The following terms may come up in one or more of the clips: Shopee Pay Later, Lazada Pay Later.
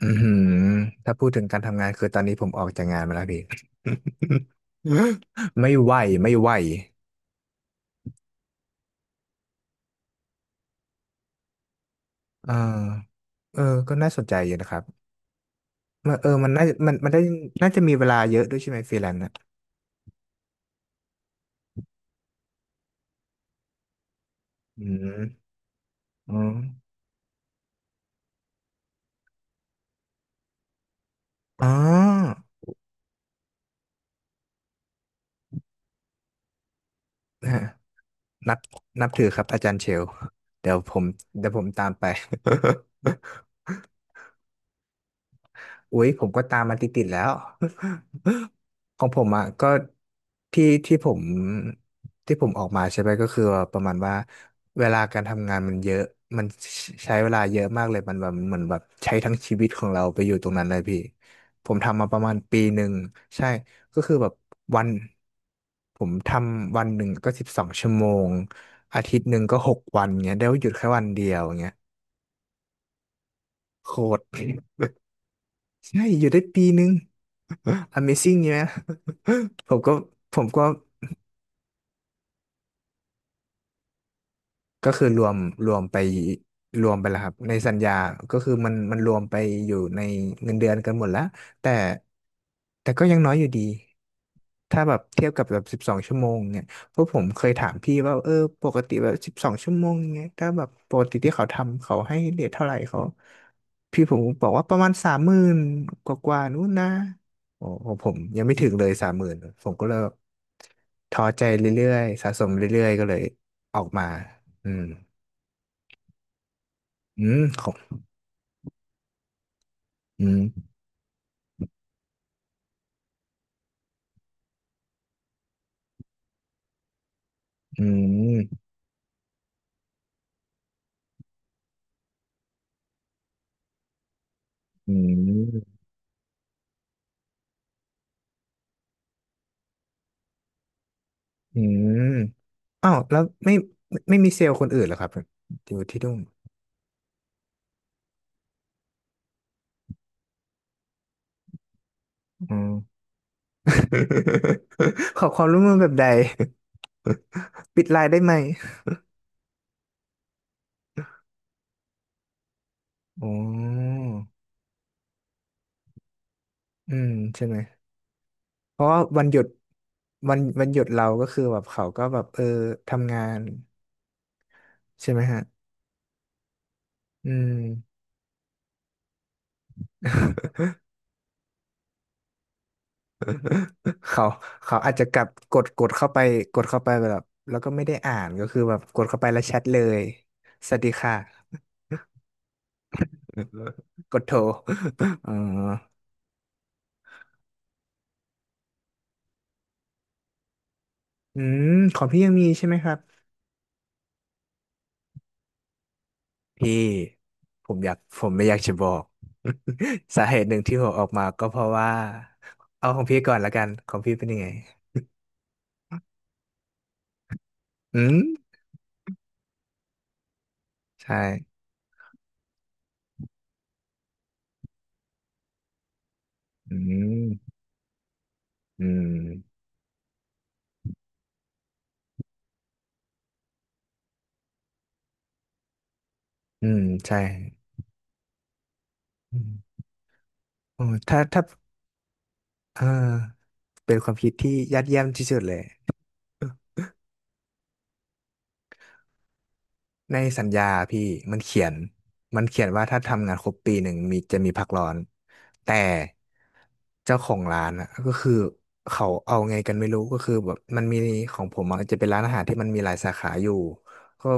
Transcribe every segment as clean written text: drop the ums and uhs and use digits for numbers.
อือหือถ้าพูดถึงการทำงานคือตอนนี้ผมออกจากงานมาแล้วพี่ ไม่ไหวไม่ไหวเออเออก็น่าสนใจอยู่นะครับมันมันมันได้น่าจะมีเวลาเยอะด้วยใช่ไหมฟรีแลนซ์อ่ะอืมอ๋ออ๋อฮะนับนับถือครับอาจารย์เชลเดี๋ยวผมเดี๋ยวผมตามไป อุ๊ยผมก็ตามมาติดๆแล้ว ของผมอ่ะก็ที่ที่ผมที่ผมออกมาใช่ไหมก็คือประมาณว่าเวลาการทำงานมันเยอะมันใช้เวลาเยอะมากเลยมันแบบเหมือนแบบใช้ทั้งชีวิตของเราไปอยู่ตรงนั้นเลยพี่ผมทำมาประมาณปีหนึ่งใช่ก็คือแบบวันผมทำวันหนึ่งก็สิบสองชั่วโมงอาทิตย์หนึ่งก็6 วันเงี้ยได้หยุดแค่วันเดียวเงี้ยโคตร ใช่อยู่ได้ปีนึง Amazing นี่ไหม ผมก็ผมก็ ก็คือรวมไปรวมไปแล้วครับในสัญญาก็คือมันรวมไปอยู่ในเงินเดือนกันหมดแล้วแต่แต่ก็ยังน้อยอยู่ดีถ้าแบบเทียบกับแบบสิบสองชั่วโมงเนี่ยเพราะผมเคยถามพี่ว่าเออปกติแบบสิบสองชั่วโมงเนี่ยถ้าแบบปกติที่เขาทำเขาให้เรทเท่าไหร่เขาพี่ผมบอกว่าประมาณสามหมื่นกว่ากว่าๆนู้นนะโอ้โหผมยังไม่ถึงเลยสามหมื่นผมก็เลยแบบท้อใจเรื่อยๆสะสมเรื่อยๆก็เลยออกมา อืมอืมของอืมอืมอืมอืม อ้าว แล้วไม่ไม่ไมมีเซลล์คนอื่นเหรอครับอยู่ที่นู่นอืม ขอความร่วมมือแบบใด ปิดไลน์ได้ไหม อ๋ออืมใช่ไหม เพราะว่าวันหยุดเราก็คือแบบเขาก็แบบเออทำงานใช่ไหมฮะ อืม เขาเขาอาจจะกลับกดเข้าไปกดเข้าไปแบบแล้วก็ไม่ได้อ่านก็คือแบบกดเข้าไปแล้วแชทเลยสวัสดีค่ะ กดโทรเอ่ออืมของพี่ยังมีใช่ไหมครับ พี่ผมไม่อยากจะบอก สาเหตุหนึ่งที่ผมออกมาก็เพราะว่า เอาของพี่ก่อนละกัน ของพี่เป็นยังไงอืมใช่อืมอืมอืมใช่อืมโอ้ถ้าเออเป็นความคิดที่ยอดเยี่ยมที่สุดเลย ในสัญญาพี่มันเขียนมันเขียนว่าถ้าทำงานครบปีหนึ่งมีจะมีพักร้อนแต่เจ้าของร้านอ่ะก็คือเขาเอาไงกันไม่รู้ก็คือแบบมันมีของผมอะจะเป็นร้านอาหารที่มันมีหลายสาขาอยู่ก็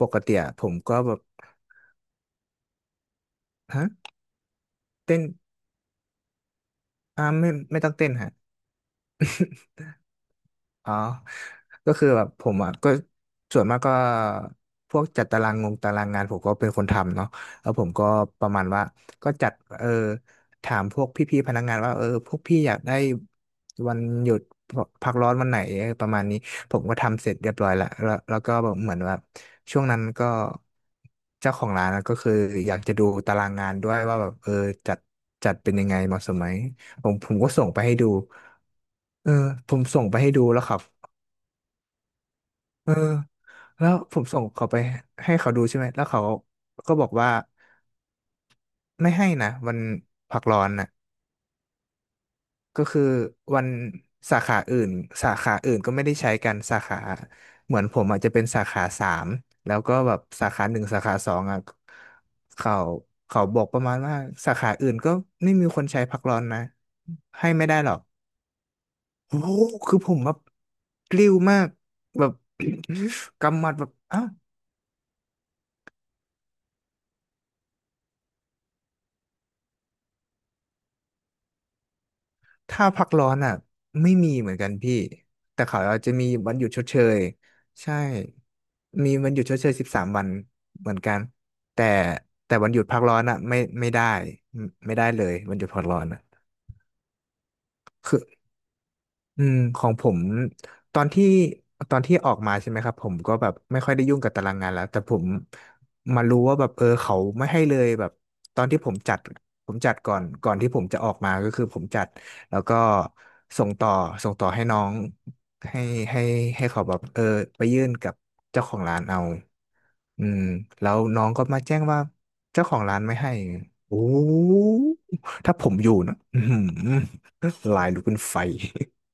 ปกติอะผมก็แบบฮะเต้นอ่าไม่ต้องเต้นฮะ อ๋อก็คือแบบผมอ่ะก็ส่วนมากก็พวกจัดตารางงงตารางงานผมก็เป็นคนทำเนาะแล้วผมก็ประมาณว่าก็จัดเออถามพวกพี่ๆพนักงานว่าเออพวกพี่อยากได้วันหยุดพักร้อนวันไหนอประมาณนี้ผมก็ทำเสร็จเรียบร้อยละแล้วแล้วก็แบบเหมือนแบบช่วงนั้นก็เจ้าของร้านอะก็คืออยากจะดูตารางงานด้วยว่าแบบเออจัดจัดเป็นยังไงเหมาะสมไหมผมก็ส่งไปให้ดู เออผมส่งไปให้ดูแล้วครับเออแล้วผมส่งเขาไปให้เขาดูใช่ไหมแล้วเขาก็บอกว่าไม่ให้นะวันพักร้อนนะก็คือวันสาขาอื่นสาขาอื่นก็ไม่ได้ใช้กันสาขาเหมือนผมอาจจะเป็นสาขาสามแล้วก็แบบสาขาหนึ่งสาขาสองอ่ะเขาเขาบอกประมาณว่าสาขาอื่นก็ไม่มีคนใช้พักร้อนนะให้ไม่ได้หรอก โอ้โหคือผมแบบกลิ้วมากแบบ กำหมัดแบบอ้าวถ้าพักร้อนอ่ะไม่มีเหมือนกันพี่แต่เขาอาจจะมีวันหยุดชดเชยใช่มีวันหยุดชดเชย13 วันเหมือนกันแต่แต่วันหยุดพักร้อนอ่ะไม่ได้ไม่ได้เลยวันหยุดพักร้อนอ่ะคือ อืมของผมตอนที่ตอนที่ออกมาใช่ไหมครับผมก็แบบไม่ค่อยได้ยุ่งกับตารางงานแล้วแต่ผมมารู้ว่าแบบเออเขาไม่ให้เลยแบบตอนที่ผมจัดก่อนก่อนที่ผมจะออกมาก็คือผมจัดแล้วก็ส่งต่อส่งต่อให้น้องให้ให้ให้เขาแบบเออไปยื่นกับเจ้าของร้านเอาอืมแล้วน้องก็มาแจ้งว่าเจ้าของร้านไม่ให้โอ้ถ้าผมอยู่นะอือหือลายลุกเป็นไฟ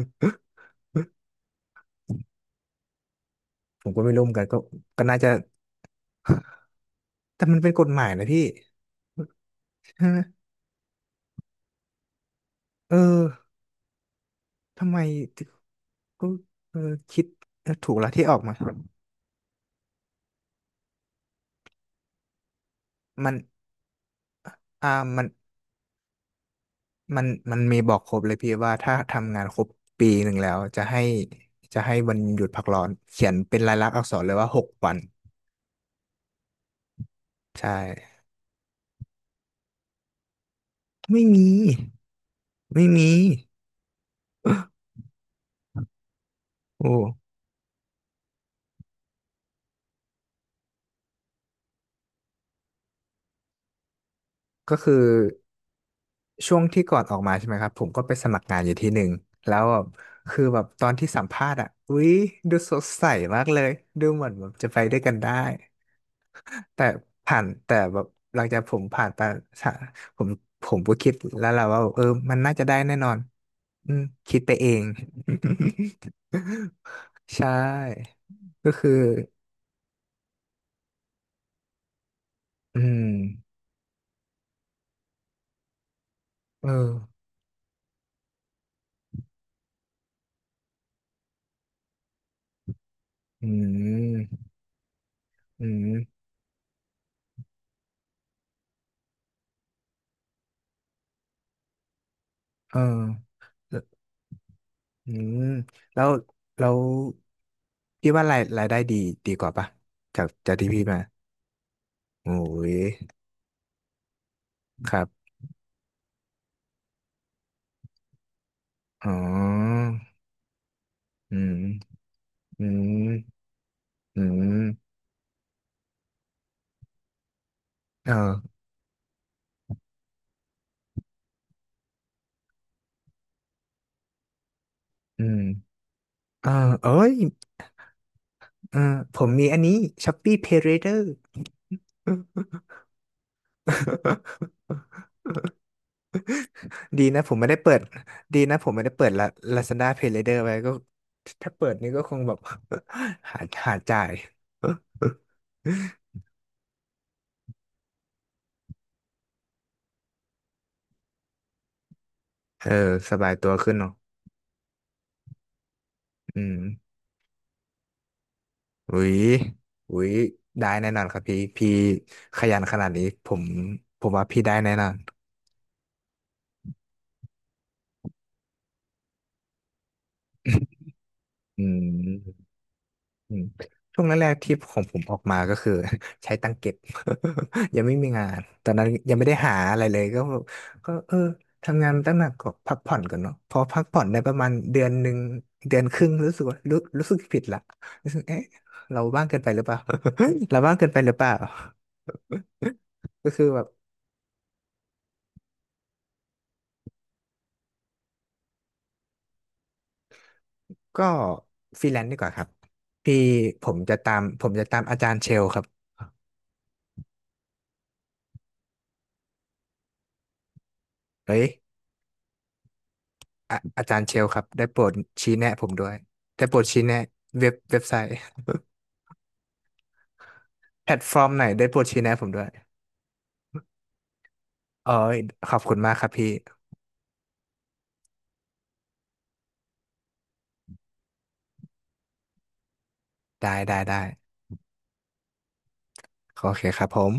ผมก็ไม่รู้เหมือนกันก็ก็น่าจะแต่มันเป็นกฎหมายนะพี่ ใช่ไหมเออทำไมก็เออคิดถูกแล้วที่ออกมามันอ่ามันมันมันมีบอกครบเลยพี่ว่าถ้าทำงานครบปีหนึ่งแล้วจะให้วันหยุดพักร้อนเขียนเป็นลายลักษณ์อักษรเลยว่าหกวันใช่ไม่มีไม่มีโอ้ก็คือ ช่วงที่ก่อนออกมาใช่ไหมครับผมก็ไปสมัครงานอยู่ที่หนึ่งแล้วแบบคือแบบตอนที่สัมภาษณ์อ่ะอุ๊ยดูสดใสมากเลยดูเหมือนแบบจะไปด้วยกันได้แต่ผ่านแต่แบบหลังจากผมผ่านไปสะผมผมก็คิดแล้วแหละว่าเออมันน่าจะได้แน่นอนอืมคิดไปเอง ใช่ก็คืออืมเอออืมอืมเออ อืมแล้วแล้วพี่ว่ารายได้ดีดีกว่าปะจากที่พี่มาโอ้ยครับอ๋ออืมอืมอืมเอออืมเออเอ้ยเออผมมีอันนี้ Shopee Pay Later ดีนะผมไม่ได้เปิดดีนะผมไม่ได้เปิดละ Lazada Pay Later ไว้ก็ถ้าเปิดนี่ก็คงแบบ หาหาจ่าย เออสบายตัวขึ้นเนาะอืม อุ้ยอุ้ยได้แน่นอนครับพี่พี่ขยันขนาดนี้ผมผมว่าพี่ได้แน่นอนอืมอืมช่วงแรกๆที่ของผมออกมาก็คือ ใช้ตังเก็บ ยังไม่มีงานตอนนั้นยังไม่ได้หาอะไรเลยก็ก็เออทำงานตั้งหนักก็พักผ่อนก่อนเนาะพอพักผ่อนได้ประมาณเดือนหนึ่งเดือนครึ่งรู้สึกว่ารู้สึกผิดละรู้สึกเอ๊ะเราบ้างเกินไปหรือเปล่า เราบ้างเกินไปหรือเปล่า ก็คือแบบ ก็ฟรีแลนซ์ดีกว่าครับพี่ผมจะตามอาจารย์เชลครับเฮ้ยอะอาจารย์เชลครับได้โปรดชี้แนะผมด้วยได้โปรดชี้แนะเว็บไซต์ แพลตฟอร์มไหนได้โปรดชี้แนะผมด้วยเอ้ยขอบคุณมากครับพี่ได้ได้ได้โอเคครับผม